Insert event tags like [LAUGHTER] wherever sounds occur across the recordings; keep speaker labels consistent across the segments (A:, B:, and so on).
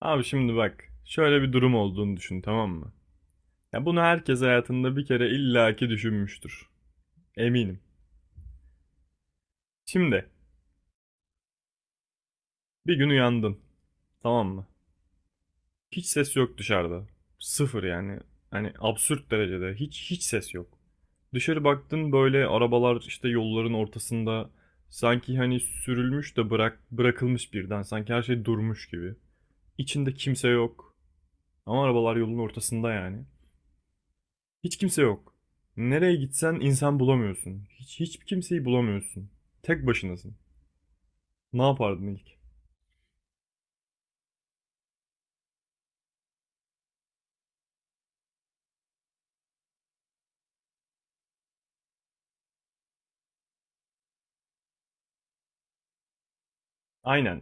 A: Abi şimdi bak, şöyle bir durum olduğunu düşün, tamam mı? Ya bunu herkes hayatında bir kere illaki düşünmüştür. Eminim. Şimdi bir gün uyandın, tamam mı? Hiç ses yok dışarıda. Sıfır yani. Hani absürt derecede hiç ses yok. Dışarı baktın böyle arabalar işte yolların ortasında sanki hani sürülmüş de bırakılmış birden sanki her şey durmuş gibi. İçinde kimse yok ama arabalar yolun ortasında yani. Hiç kimse yok. Nereye gitsen insan bulamıyorsun. Hiç kimseyi bulamıyorsun. Tek başınasın. Ne yapardın ilk? Aynen.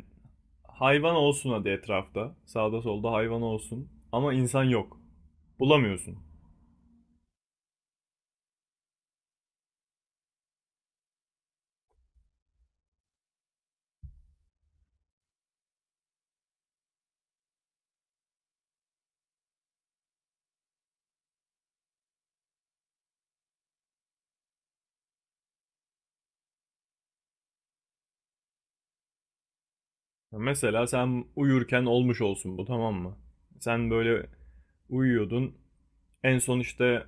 A: Hayvan olsun hadi etrafta. Sağda solda hayvan olsun. Ama insan yok. Bulamıyorsun. Mesela sen uyurken olmuş olsun bu, tamam mı? Sen böyle uyuyordun. En son işte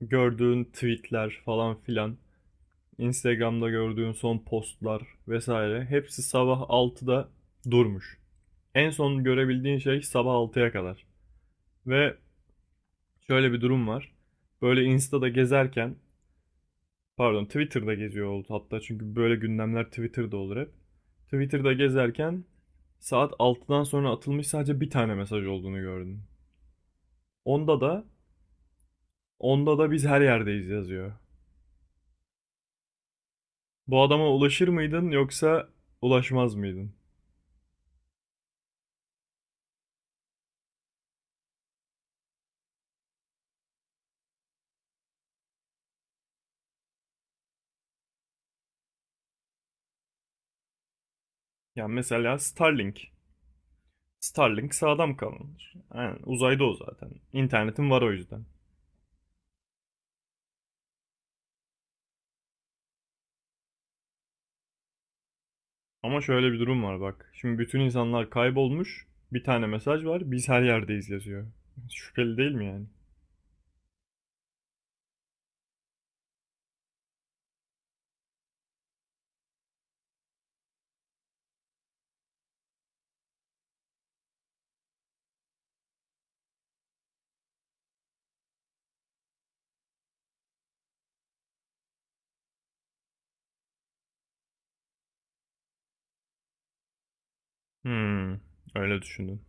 A: gördüğün tweetler falan filan. Instagram'da gördüğün son postlar vesaire. Hepsi sabah 6'da durmuş. En son görebildiğin şey sabah 6'ya kadar. Ve şöyle bir durum var. Böyle Insta'da gezerken, pardon, Twitter'da geziyor oldu hatta çünkü böyle gündemler Twitter'da olur hep. Twitter'da gezerken saat 6'dan sonra atılmış sadece bir tane mesaj olduğunu gördüm. Onda da, onda da biz her yerdeyiz yazıyor. Bu adama ulaşır mıydın yoksa ulaşmaz mıydın? Yani mesela Starlink. Starlink sağdam kalınır. Aynen, uzayda o zaten. İnternetin var o yüzden. Ama şöyle bir durum var bak. Şimdi bütün insanlar kaybolmuş. Bir tane mesaj var. Biz her yerdeyiz yazıyor. [LAUGHS] Şüpheli değil mi yani? Hmm, öyle düşündün.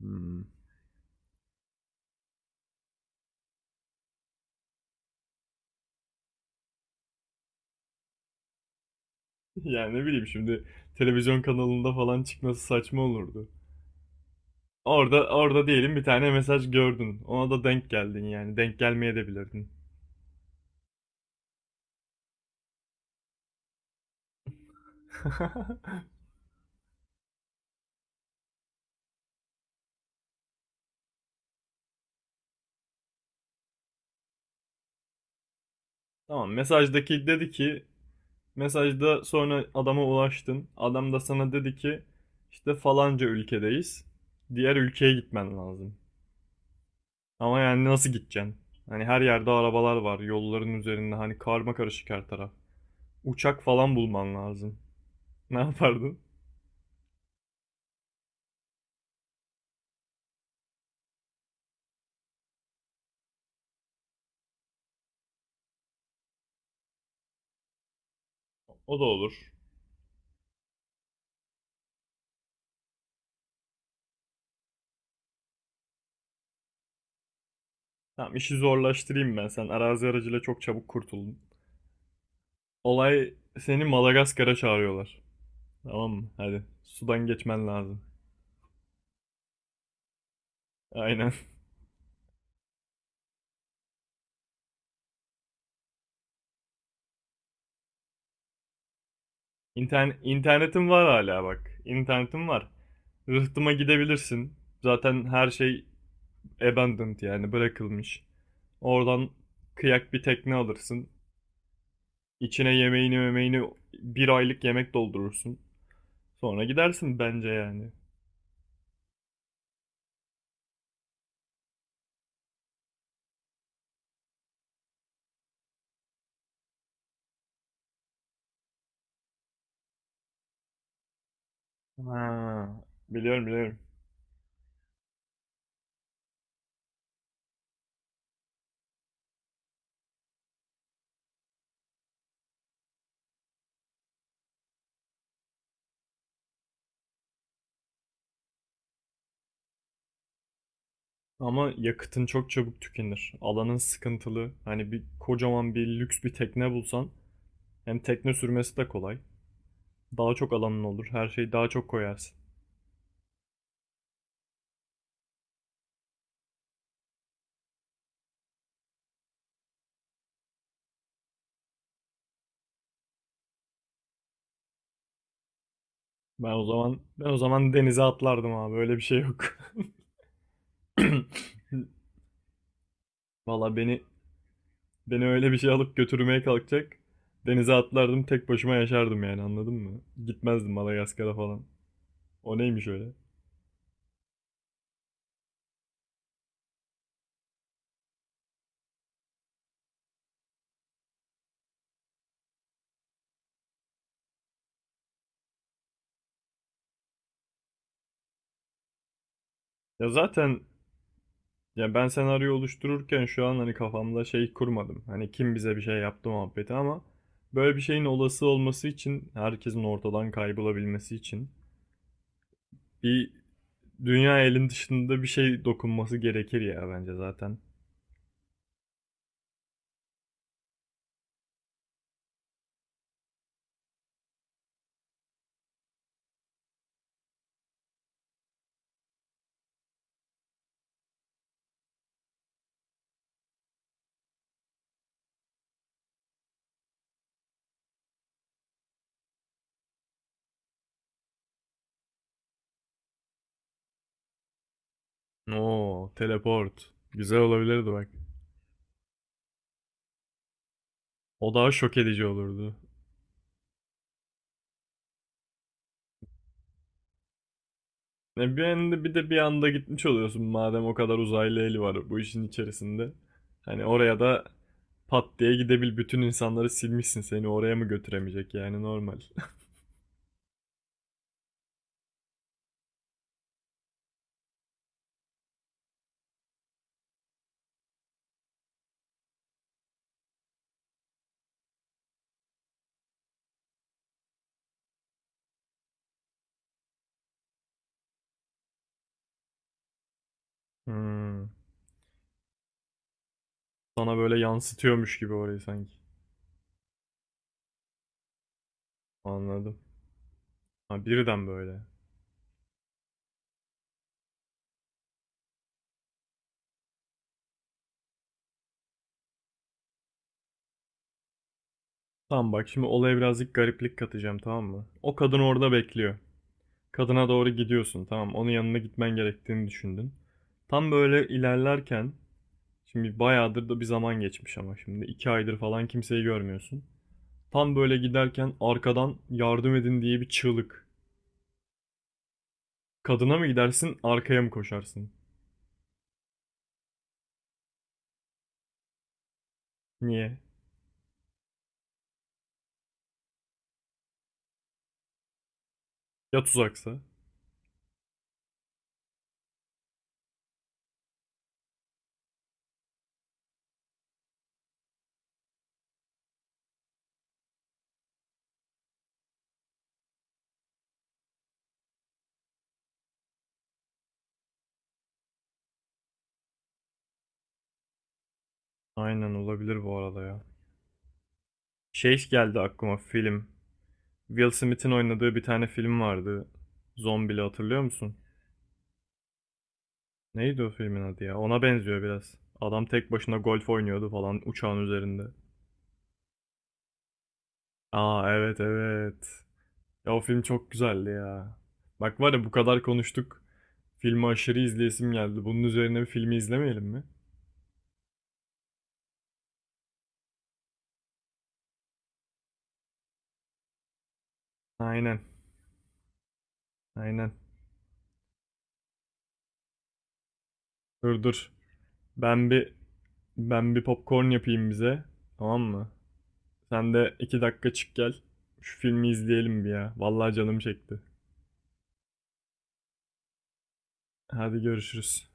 A: Hmm. [LAUGHS] Yani ne bileyim şimdi, televizyon kanalında falan çıkması saçma olurdu. Orada diyelim bir tane mesaj gördün. Ona da denk geldin yani. Denk gelmeye de bilirdin. [LAUGHS] Tamam, mesajdaki dedi ki mesajda sonra adama ulaştın. Adam da sana dedi ki işte falanca ülkedeyiz. Diğer ülkeye gitmen lazım. Ama yani nasıl gideceksin? Hani her yerde arabalar var, yolların üzerinde hani karma karışık her taraf. Uçak falan bulman lazım. [LAUGHS] Ne yapardın? O da olur. Tamam, işi zorlaştırayım ben. Sen arazi aracıyla çok çabuk kurtuldun. Olay, seni Madagaskar'a çağırıyorlar. Tamam mı? Hadi. Sudan geçmen lazım. Aynen. [LAUGHS] İnternet, internetin var hala bak. İnternetim var. Rıhtıma gidebilirsin. Zaten her şey abandoned, yani bırakılmış. Oradan kıyak bir tekne alırsın. İçine yemeğini memeğini bir aylık yemek doldurursun. Sonra gidersin bence yani. Ha, biliyorum, biliyorum. Ama yakıtın çok çabuk tükenir. Alanın sıkıntılı. Hani bir kocaman bir lüks bir tekne bulsan hem tekne sürmesi de kolay. Daha çok alanın olur. Her şeyi daha çok koyarsın. Ben o zaman denize atlardım abi. Öyle bir şey yok. [LAUGHS] [CLEARS THROAT] Valla, beni öyle bir şey alıp götürmeye kalkacak. Denize atlardım, tek başıma yaşardım yani, anladın mı? Gitmezdim Madagaskar'a falan. O neymiş öyle? Ya zaten ya ben senaryo oluştururken şu an hani kafamda şey kurmadım. Hani kim bize bir şey yaptı muhabbeti ama böyle bir şeyin olası olması için, herkesin ortadan kaybolabilmesi için bir dünya elin dışında bir şey dokunması gerekir ya bence zaten. Oo, teleport. Güzel olabilirdi bak. O daha şok edici olurdu. Ne bir anda, bir de bir anda gitmiş oluyorsun madem o kadar uzaylı eli var bu işin içerisinde. Hani oraya da pat diye gidebil, bütün insanları silmişsin seni oraya mı götüremeyecek yani normal. [LAUGHS] Hmm. Sana böyle yansıtıyormuş gibi orayı sanki. Anladım. Ha, birden böyle. Tamam bak, şimdi olaya birazcık gariplik katacağım, tamam mı? O kadın orada bekliyor. Kadına doğru gidiyorsun, tamam, onun yanına gitmen gerektiğini düşündün. Tam böyle ilerlerken şimdi bayağıdır da bir zaman geçmiş ama şimdi 2 aydır falan kimseyi görmüyorsun. Tam böyle giderken arkadan yardım edin diye bir çığlık. Kadına mı gidersin, arkaya mı koşarsın? Niye? Ya tuzaksa? Aynen, olabilir bu arada ya. Şey geldi aklıma, film. Will Smith'in oynadığı bir tane film vardı. Zombili, hatırlıyor musun? Neydi o filmin adı ya? Ona benziyor biraz. Adam tek başına golf oynuyordu falan uçağın üzerinde. Aa, evet, evet. Ya o film çok güzeldi ya. Bak var ya, bu kadar konuştuk. Filmi aşırı izleyesim geldi. Bunun üzerine bir filmi izlemeyelim mi? Aynen. Aynen. Dur, dur. Ben bir ben bir popcorn yapayım bize. Tamam mı? Sen de 2 dakika çık gel. Şu filmi izleyelim bir ya. Vallahi canım çekti. Hadi görüşürüz.